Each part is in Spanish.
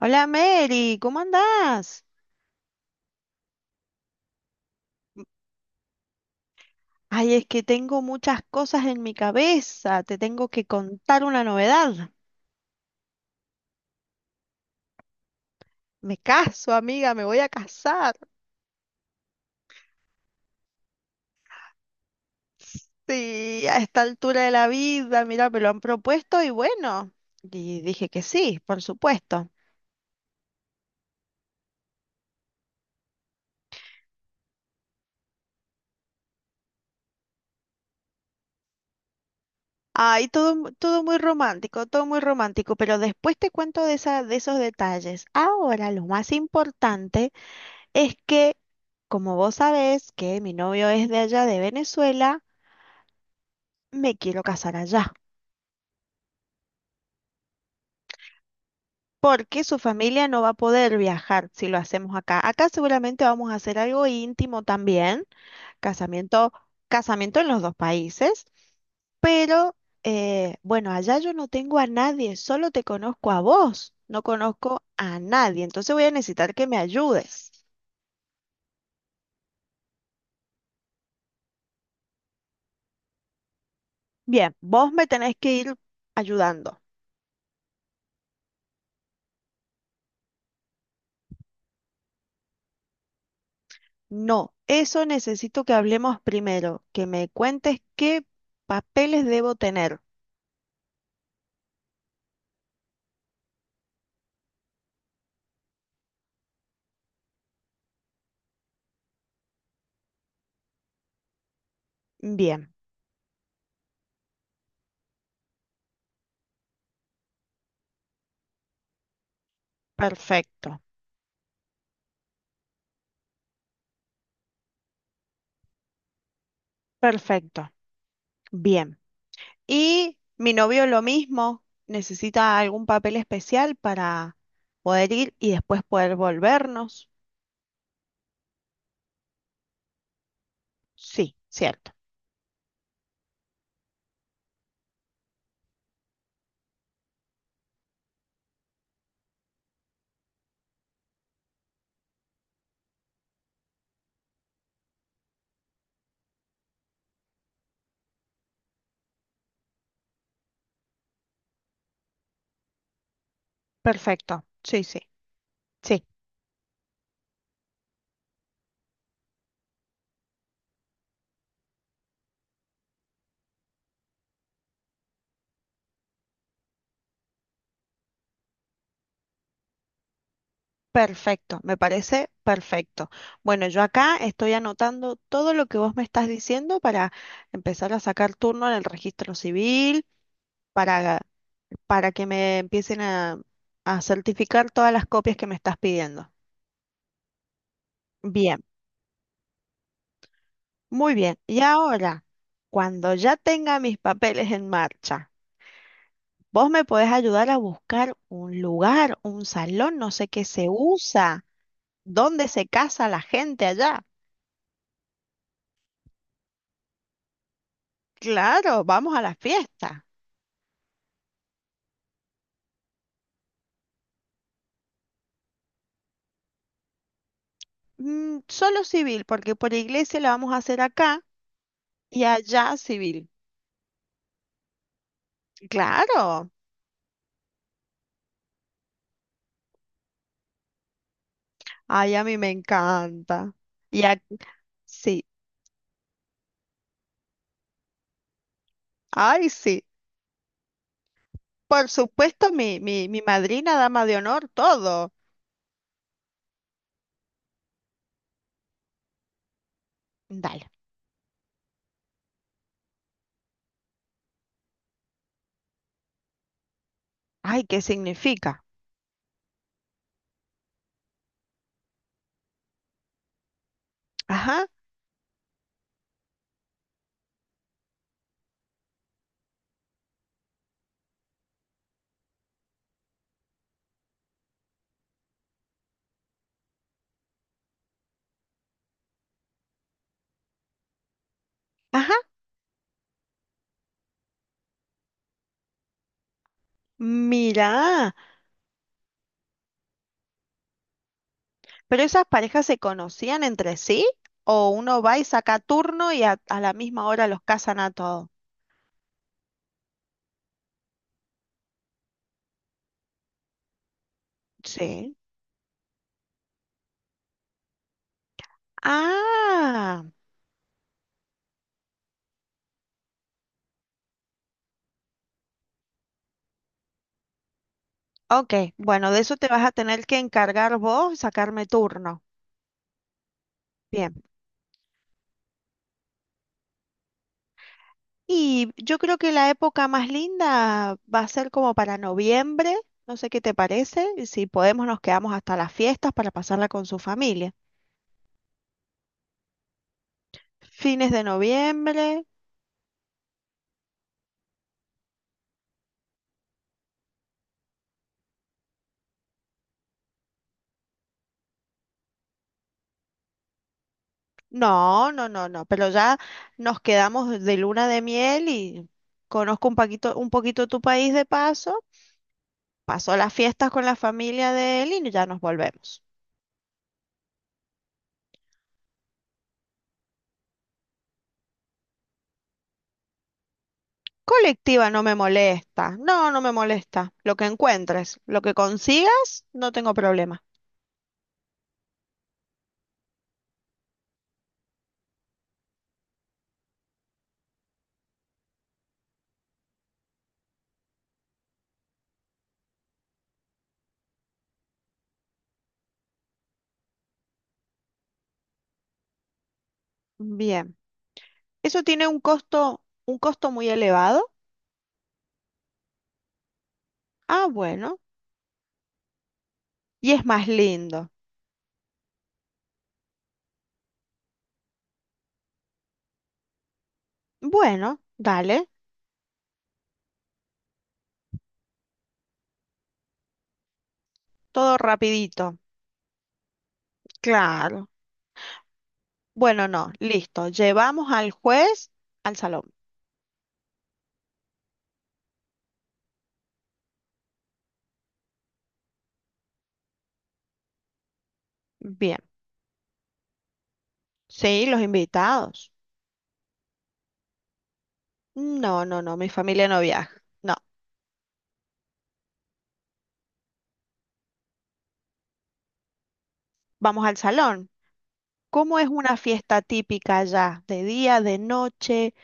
Hola, Mary, ¿cómo andás? Ay, es que tengo muchas cosas en mi cabeza, te tengo que contar una novedad. Me caso, amiga, me voy a casar. Sí, a esta altura de la vida, mira, me lo han propuesto y bueno, y dije que sí, por supuesto. Ay, todo, todo muy romántico, pero después te cuento de esa, de esos detalles. Ahora, lo más importante es que, como vos sabés, que mi novio es de allá, de Venezuela, me quiero casar allá, porque su familia no va a poder viajar si lo hacemos acá. Acá seguramente vamos a hacer algo íntimo también, casamiento, casamiento en los dos países, pero bueno, allá yo no tengo a nadie, solo te conozco a vos, no conozco a nadie, entonces voy a necesitar que me ayudes. Bien, vos me tenés que ir ayudando. No, eso necesito que hablemos primero, que me cuentes qué papeles debo tener. Bien. Perfecto, perfecto. Bien. Y mi novio lo mismo, necesita algún papel especial para poder ir y después poder volvernos. Sí, cierto. Perfecto. Sí, sí, sí. Perfecto, me parece perfecto. Bueno, yo acá estoy anotando todo lo que vos me estás diciendo para empezar a sacar turno en el registro civil, para, para que me empiecen a certificar todas las copias que me estás pidiendo. Bien. Muy bien, y ahora, cuando ya tenga mis papeles en marcha, vos me podés ayudar a buscar un lugar, un salón, no sé qué se usa, dónde se casa la gente allá. Claro, vamos a la fiesta. Mm, solo civil, porque por iglesia la vamos a hacer acá y allá civil. Claro, ay, a mí me encanta. Y sí, ay, sí. Por supuesto, mi madrina, dama de honor, todo. Dale. Ay, ¿qué significa? Ajá, ajá, mira, pero esas parejas se conocían entre sí o uno va y saca turno y a la misma hora los casan a todos. Sí. Ah, ok, bueno, de eso te vas a tener que encargar vos, sacarme turno. Bien. Y yo creo que la época más linda va a ser como para noviembre, no sé qué te parece, y si podemos nos quedamos hasta las fiestas para pasarla con su familia. Fines de noviembre. No, no, no, no, pero ya nos quedamos de luna de miel y conozco un poquito tu país de paso, paso las fiestas con la familia de él y ya nos volvemos. Colectiva no me molesta, no, no me molesta. Lo que encuentres, lo que consigas, no tengo problema. Bien, ¿eso tiene un costo muy elevado? Ah, bueno, y es más lindo. Bueno, dale, todo rapidito. Claro. Bueno, no, listo. Llevamos al juez al salón. Bien. Sí, los invitados. No, no, no, mi familia no viaja. No, vamos al salón. ¿Cómo es una fiesta típica allá? ¿De día, de noche,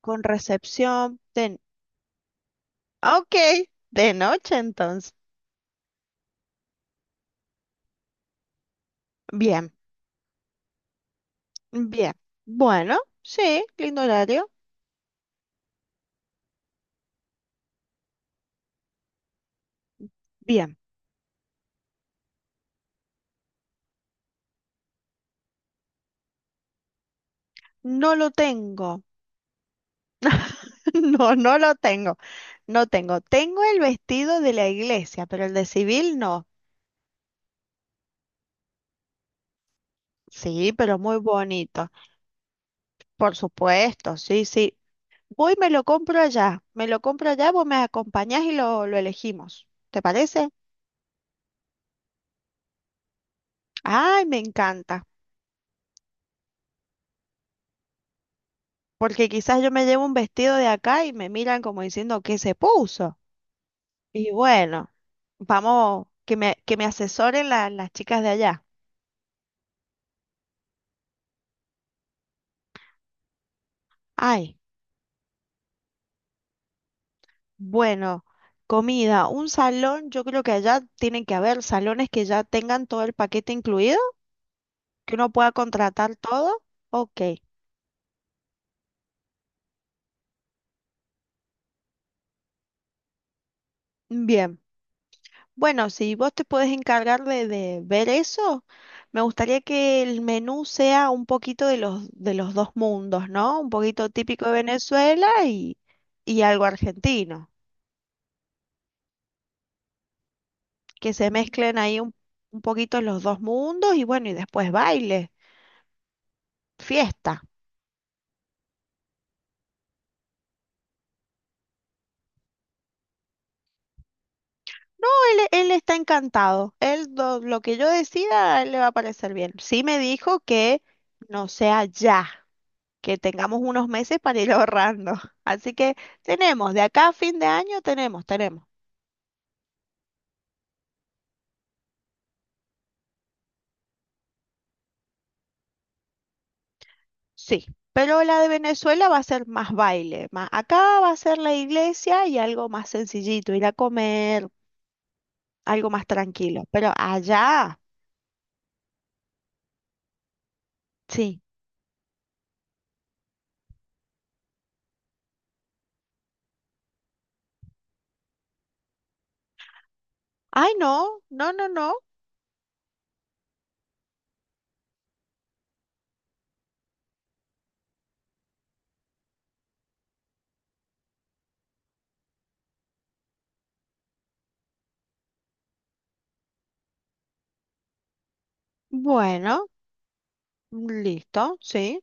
con recepción? De... Ok, de noche entonces. Bien, bien. Bueno, sí, lindo horario. Bien. No lo tengo. No, no lo tengo. No tengo. Tengo el vestido de la iglesia, pero el de civil no. Sí, pero muy bonito. Por supuesto, sí, sí. Voy, me lo compro allá. Me lo compro allá, vos me acompañás y lo elegimos. ¿Te parece? Ay, me encanta. Porque quizás yo me llevo un vestido de acá y me miran como diciendo qué se puso. Y bueno, vamos, que me asesoren las chicas de allá. Ay, bueno, comida, un salón, yo creo que allá tienen que haber salones que ya tengan todo el paquete incluido, que uno pueda contratar todo. Ok. Bien, bueno, si vos te puedes encargar de ver eso, me gustaría que el menú sea un poquito de los dos mundos, ¿no? Un poquito típico de Venezuela y algo argentino, que se mezclen ahí un poquito los dos mundos y bueno, y después baile, fiesta. No, él está encantado, lo que yo decida, a él le va a parecer bien. Sí me dijo que no sea ya, que tengamos unos meses para ir ahorrando. Así que tenemos, de acá a fin de año tenemos, tenemos. Sí, pero la de Venezuela va a ser más baile, más acá va a ser la iglesia y algo más sencillito, ir a comer, algo más tranquilo. Pero allá, sí. Ay, no, no, no, no. Bueno, listo, sí.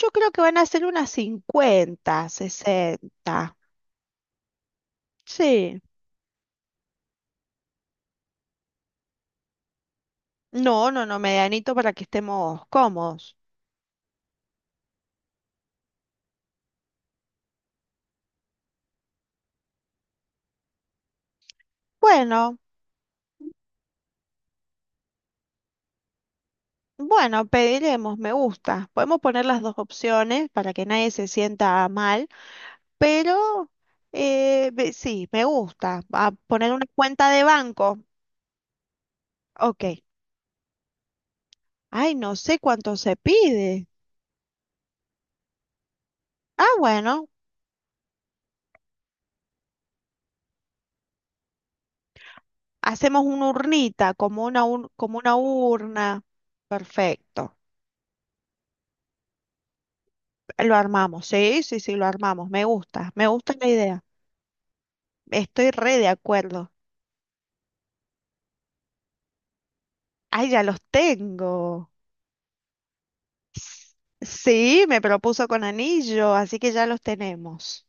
Yo creo que van a ser unas 50 60. Sí. No, no, no, medianito para que estemos cómodos. Bueno. Bueno, pediremos, me gusta. Podemos poner las dos opciones para que nadie se sienta mal, pero sí, me gusta. A poner una cuenta de banco. Ok. Ay, no sé cuánto se pide. Ah, bueno, hacemos una urnita, como una urna. Perfecto. Lo armamos. Sí, sí, sí, lo armamos. Me gusta la idea. Estoy re de acuerdo. Ay, ya los tengo. Sí, me propuso con anillo, así que ya los tenemos.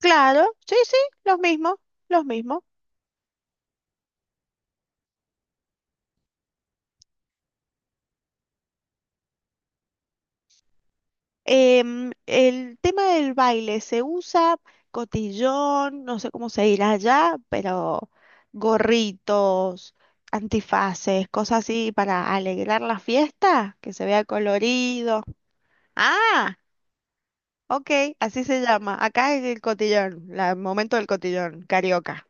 Claro, sí, sí, los mismos, los mismos. El tema del baile, se usa cotillón, no sé cómo se dirá allá, pero gorritos, antifaces, cosas así para alegrar la fiesta, que se vea colorido. Ah, ok, así se llama. Acá es el cotillón, el momento del cotillón, carioca.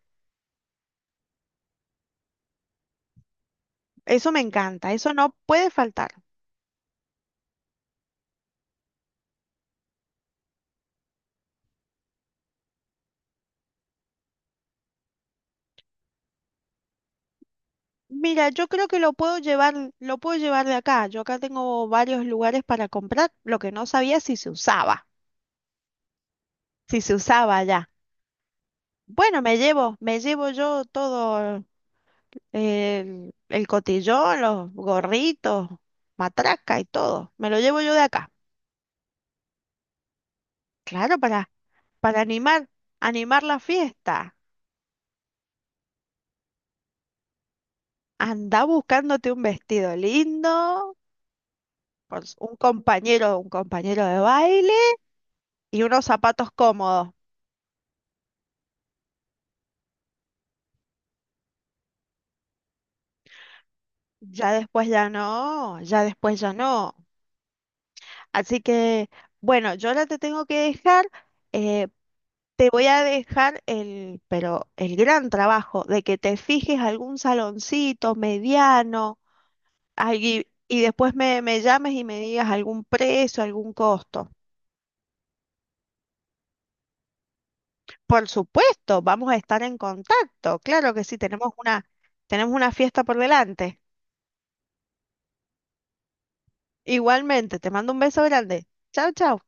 Eso me encanta, eso no puede faltar. Mira, yo creo que lo puedo llevar de acá. Yo acá tengo varios lugares para comprar, lo que no sabía si se usaba, si se usaba allá. Bueno, me llevo yo todo el cotillón, los gorritos, matraca y todo. Me lo llevo yo de acá. Claro, para animar la fiesta. Anda buscándote un vestido lindo, pues, un compañero de baile y unos zapatos cómodos. Ya después ya no, ya después ya no. Así que, bueno, yo ahora te tengo que dejar, eh, te voy a dejar pero el gran trabajo de que te fijes algún saloncito mediano, y después me, llames y me digas algún precio, algún costo. Por supuesto, vamos a estar en contacto. Claro que sí, tenemos una fiesta por delante. Igualmente, te mando un beso grande. Chao, chao.